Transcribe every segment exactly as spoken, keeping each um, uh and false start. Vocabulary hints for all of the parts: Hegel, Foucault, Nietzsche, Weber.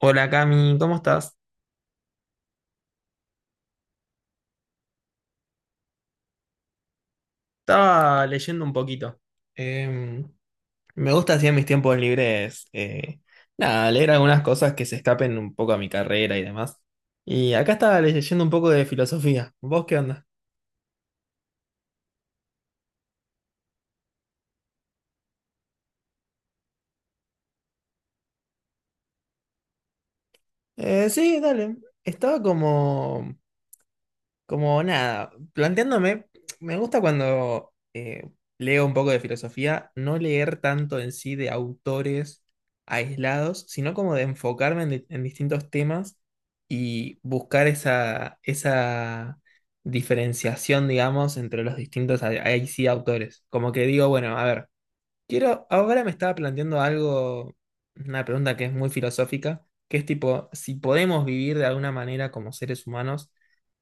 Hola Cami, ¿cómo estás? Estaba leyendo un poquito. Eh, Me gusta así en mis tiempos libres, eh, nada, leer algunas cosas que se escapen un poco a mi carrera y demás. Y acá estaba leyendo un poco de filosofía. ¿Vos qué onda? Eh, sí, dale. Estaba como... Como nada, planteándome, me gusta cuando eh, leo un poco de filosofía, no leer tanto en sí de autores aislados, sino como de enfocarme en, di- en distintos temas y buscar esa, esa diferenciación, digamos, entre los distintos, ahí ahí sí, autores. Como que digo, bueno, a ver. Quiero, ahora me estaba planteando algo, una pregunta que es muy filosófica, que es tipo, si podemos vivir de alguna manera como seres humanos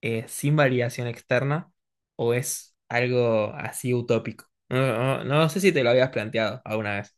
eh, sin validación externa, o es algo así utópico. No, no- no sé si te lo habías planteado alguna vez.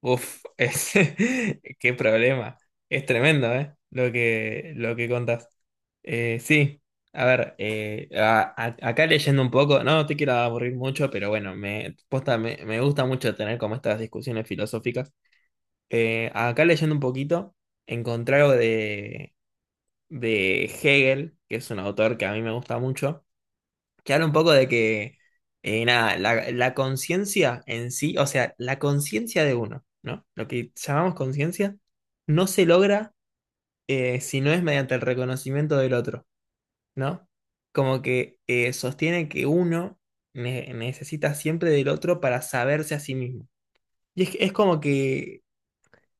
Uf, es- qué problema. Es tremendo, ¿eh? Lo que, lo que contás. Eh, sí, a ver, eh, a- a- acá leyendo un poco, no no te quiero aburrir mucho, pero bueno, me, posta, me, me gusta mucho tener como estas discusiones filosóficas. Eh, acá leyendo un poquito, encontré algo de, de Hegel, que es un autor que a mí me gusta mucho, que habla un poco de que, eh, nada, la, la conciencia en sí, o sea, la conciencia de uno, ¿no? Lo que llamamos conciencia, no se logra eh, si no es mediante el reconocimiento del otro. ¿No? Como que eh, sostiene que uno ne- necesita siempre del otro para saberse a sí mismo. Y es, es como que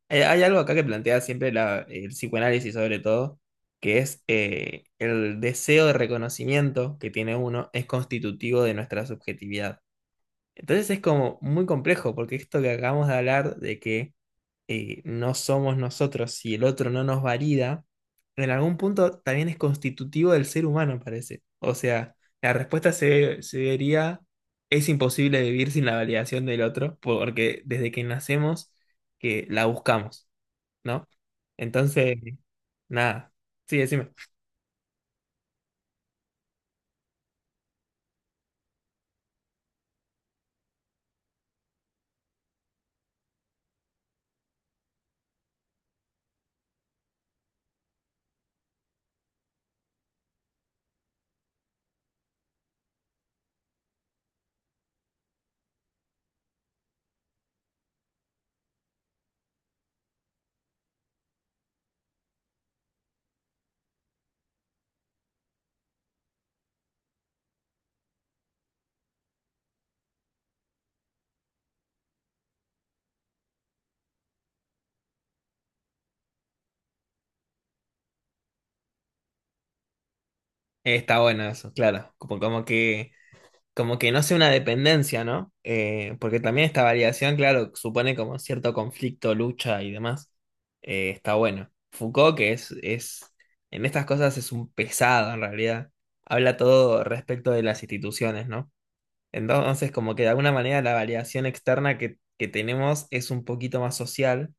eh, hay algo acá que plantea siempre la- el psicoanálisis sobre todo, que es eh, el deseo de reconocimiento que tiene uno es constitutivo de nuestra subjetividad. Entonces es como muy complejo, porque esto que acabamos de hablar de que eh, no somos nosotros y el otro no nos valida, en algún punto también es constitutivo del ser humano, parece. O sea, la respuesta se, sería, es imposible vivir sin la validación del otro, porque desde que nacemos que la buscamos, ¿no? Entonces, nada, sí, decime. Está bueno eso, claro. Como, como que... como que no sea una dependencia, ¿no? Eh, porque también esta variación, claro, supone como cierto conflicto, lucha y demás. Eh, está bueno. Foucault, que es, es, en estas cosas es un pesado en realidad. Habla todo respecto de las instituciones, ¿no? Entonces, como que de alguna manera la variación externa que, que tenemos es un poquito más social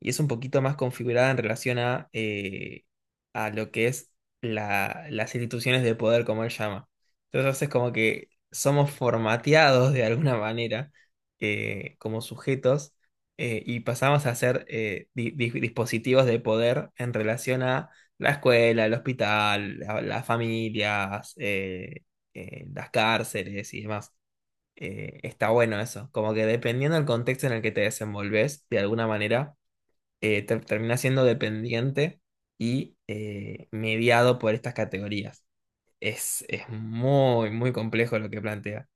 y es un poquito más configurada en relación a, eh, a lo que es la- las instituciones de poder, como él llama. Entonces es como que somos formateados de alguna manera eh, como sujetos eh, y pasamos a ser eh, di- di- dispositivos de poder en relación a la escuela, el hospital, la- las familias, eh, eh, las cárceles y demás. Eh, está bueno eso, como que dependiendo del contexto en el que te desenvolves, de alguna manera eh, ter- termina siendo dependiente y eh, mediado por estas categorías. Es, es muy, muy complejo lo que plantea.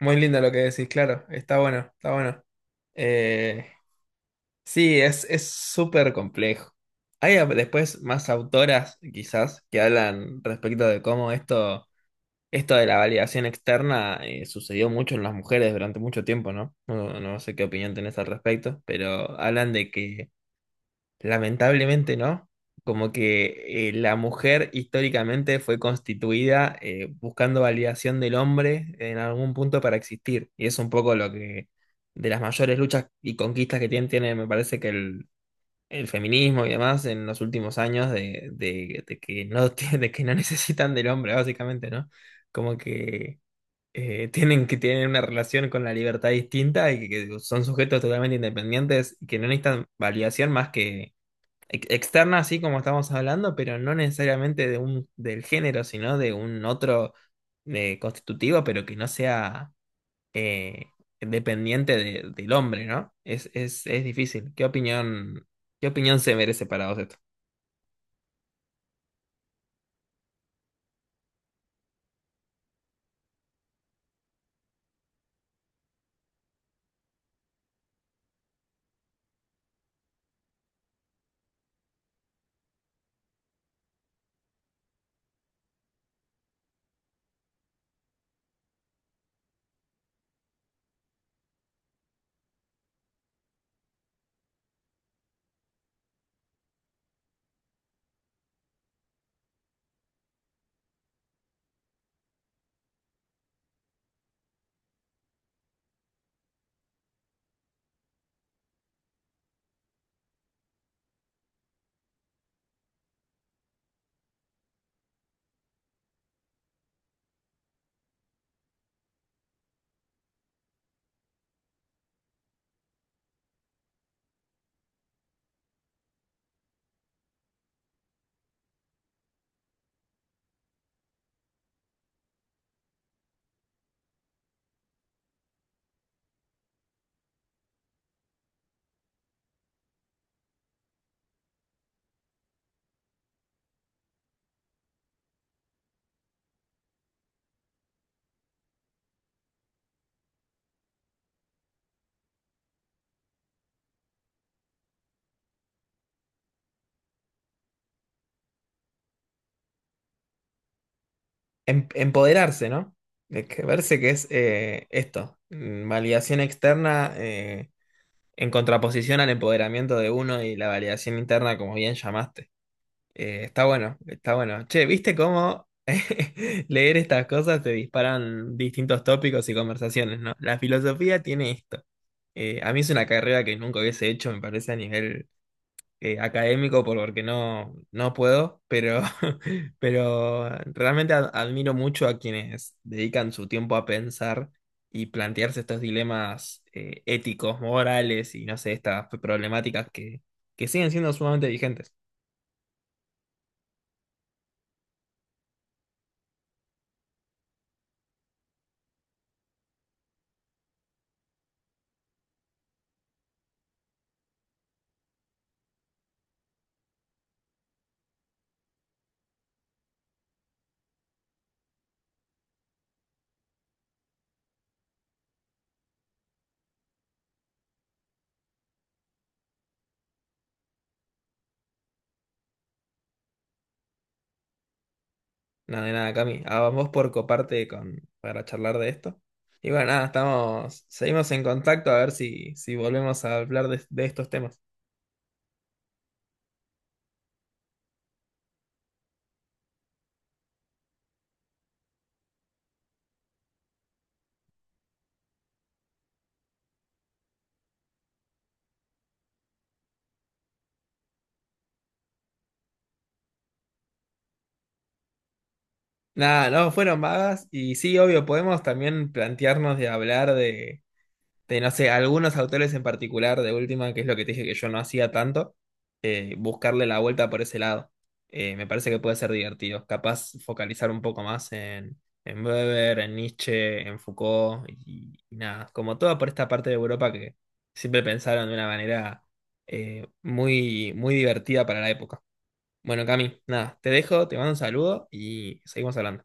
Muy lindo lo que decís, claro, está bueno, está bueno. Eh, sí, es, es súper complejo. Hay a- después más autoras, quizás, que hablan respecto de cómo esto, esto de la validación externa eh, sucedió mucho en las mujeres durante mucho tiempo, ¿no? No, no sé qué opinión tenés al respecto, pero hablan de que lamentablemente no. Como que eh, la mujer históricamente fue constituida eh, buscando validación del hombre en algún punto para existir. Y es un poco lo que de las mayores luchas y conquistas que tiene, tiene, me parece que el, el feminismo y demás en los últimos años de, de- de que no, tiene- de que no necesitan del hombre, básicamente, ¿no? Como que eh, tienen que tienen una relación con la libertad distinta y que, que son sujetos totalmente independientes y que no necesitan validación más que ex- externa, así como estamos hablando, pero no necesariamente de un, del género, sino de un otro eh, constitutivo, pero que no sea eh, dependiente de- del hombre, ¿no? Es, es, es difícil. ¿Qué opinión, qué opinión se merece para vos esto? Em- empoderarse, ¿no? De que verse que es eh, esto, mm, validación externa eh, en contraposición al empoderamiento de uno y la validación interna, como bien llamaste. Eh, está bueno, está bueno. Che, ¿viste cómo leer estas cosas te disparan distintos tópicos y conversaciones, ¿no? La filosofía tiene esto. Eh, a mí es una carrera que nunca hubiese hecho, me parece, a nivel eh, académico, por- porque no, no puedo, pero, pero realmente ad- admiro mucho a quienes dedican su tiempo a pensar y plantearse estos dilemas eh, éticos, morales y no sé, estas problemáticas que, que siguen siendo sumamente vigentes. Nada de nada, Cami. A vos por coparte con, para charlar de esto. Y bueno, nada, estamos, seguimos en contacto a ver si, si volvemos a hablar de, de estos temas. Nada, no fueron vagas y sí, obvio, podemos también plantearnos de hablar de... de, no sé, algunos autores en particular, de última, que es lo que te dije que yo no hacía tanto, eh, buscarle la vuelta por ese lado. Eh, me parece que puede ser divertido. Capaz focalizar un poco más en, en Weber, en Nietzsche, en Foucault y, y nada, como toda por esta parte de Europa que siempre pensaron de una manera eh, muy, muy divertida para la época. Bueno, Cami, nada, te dejo, te mando un saludo y seguimos hablando.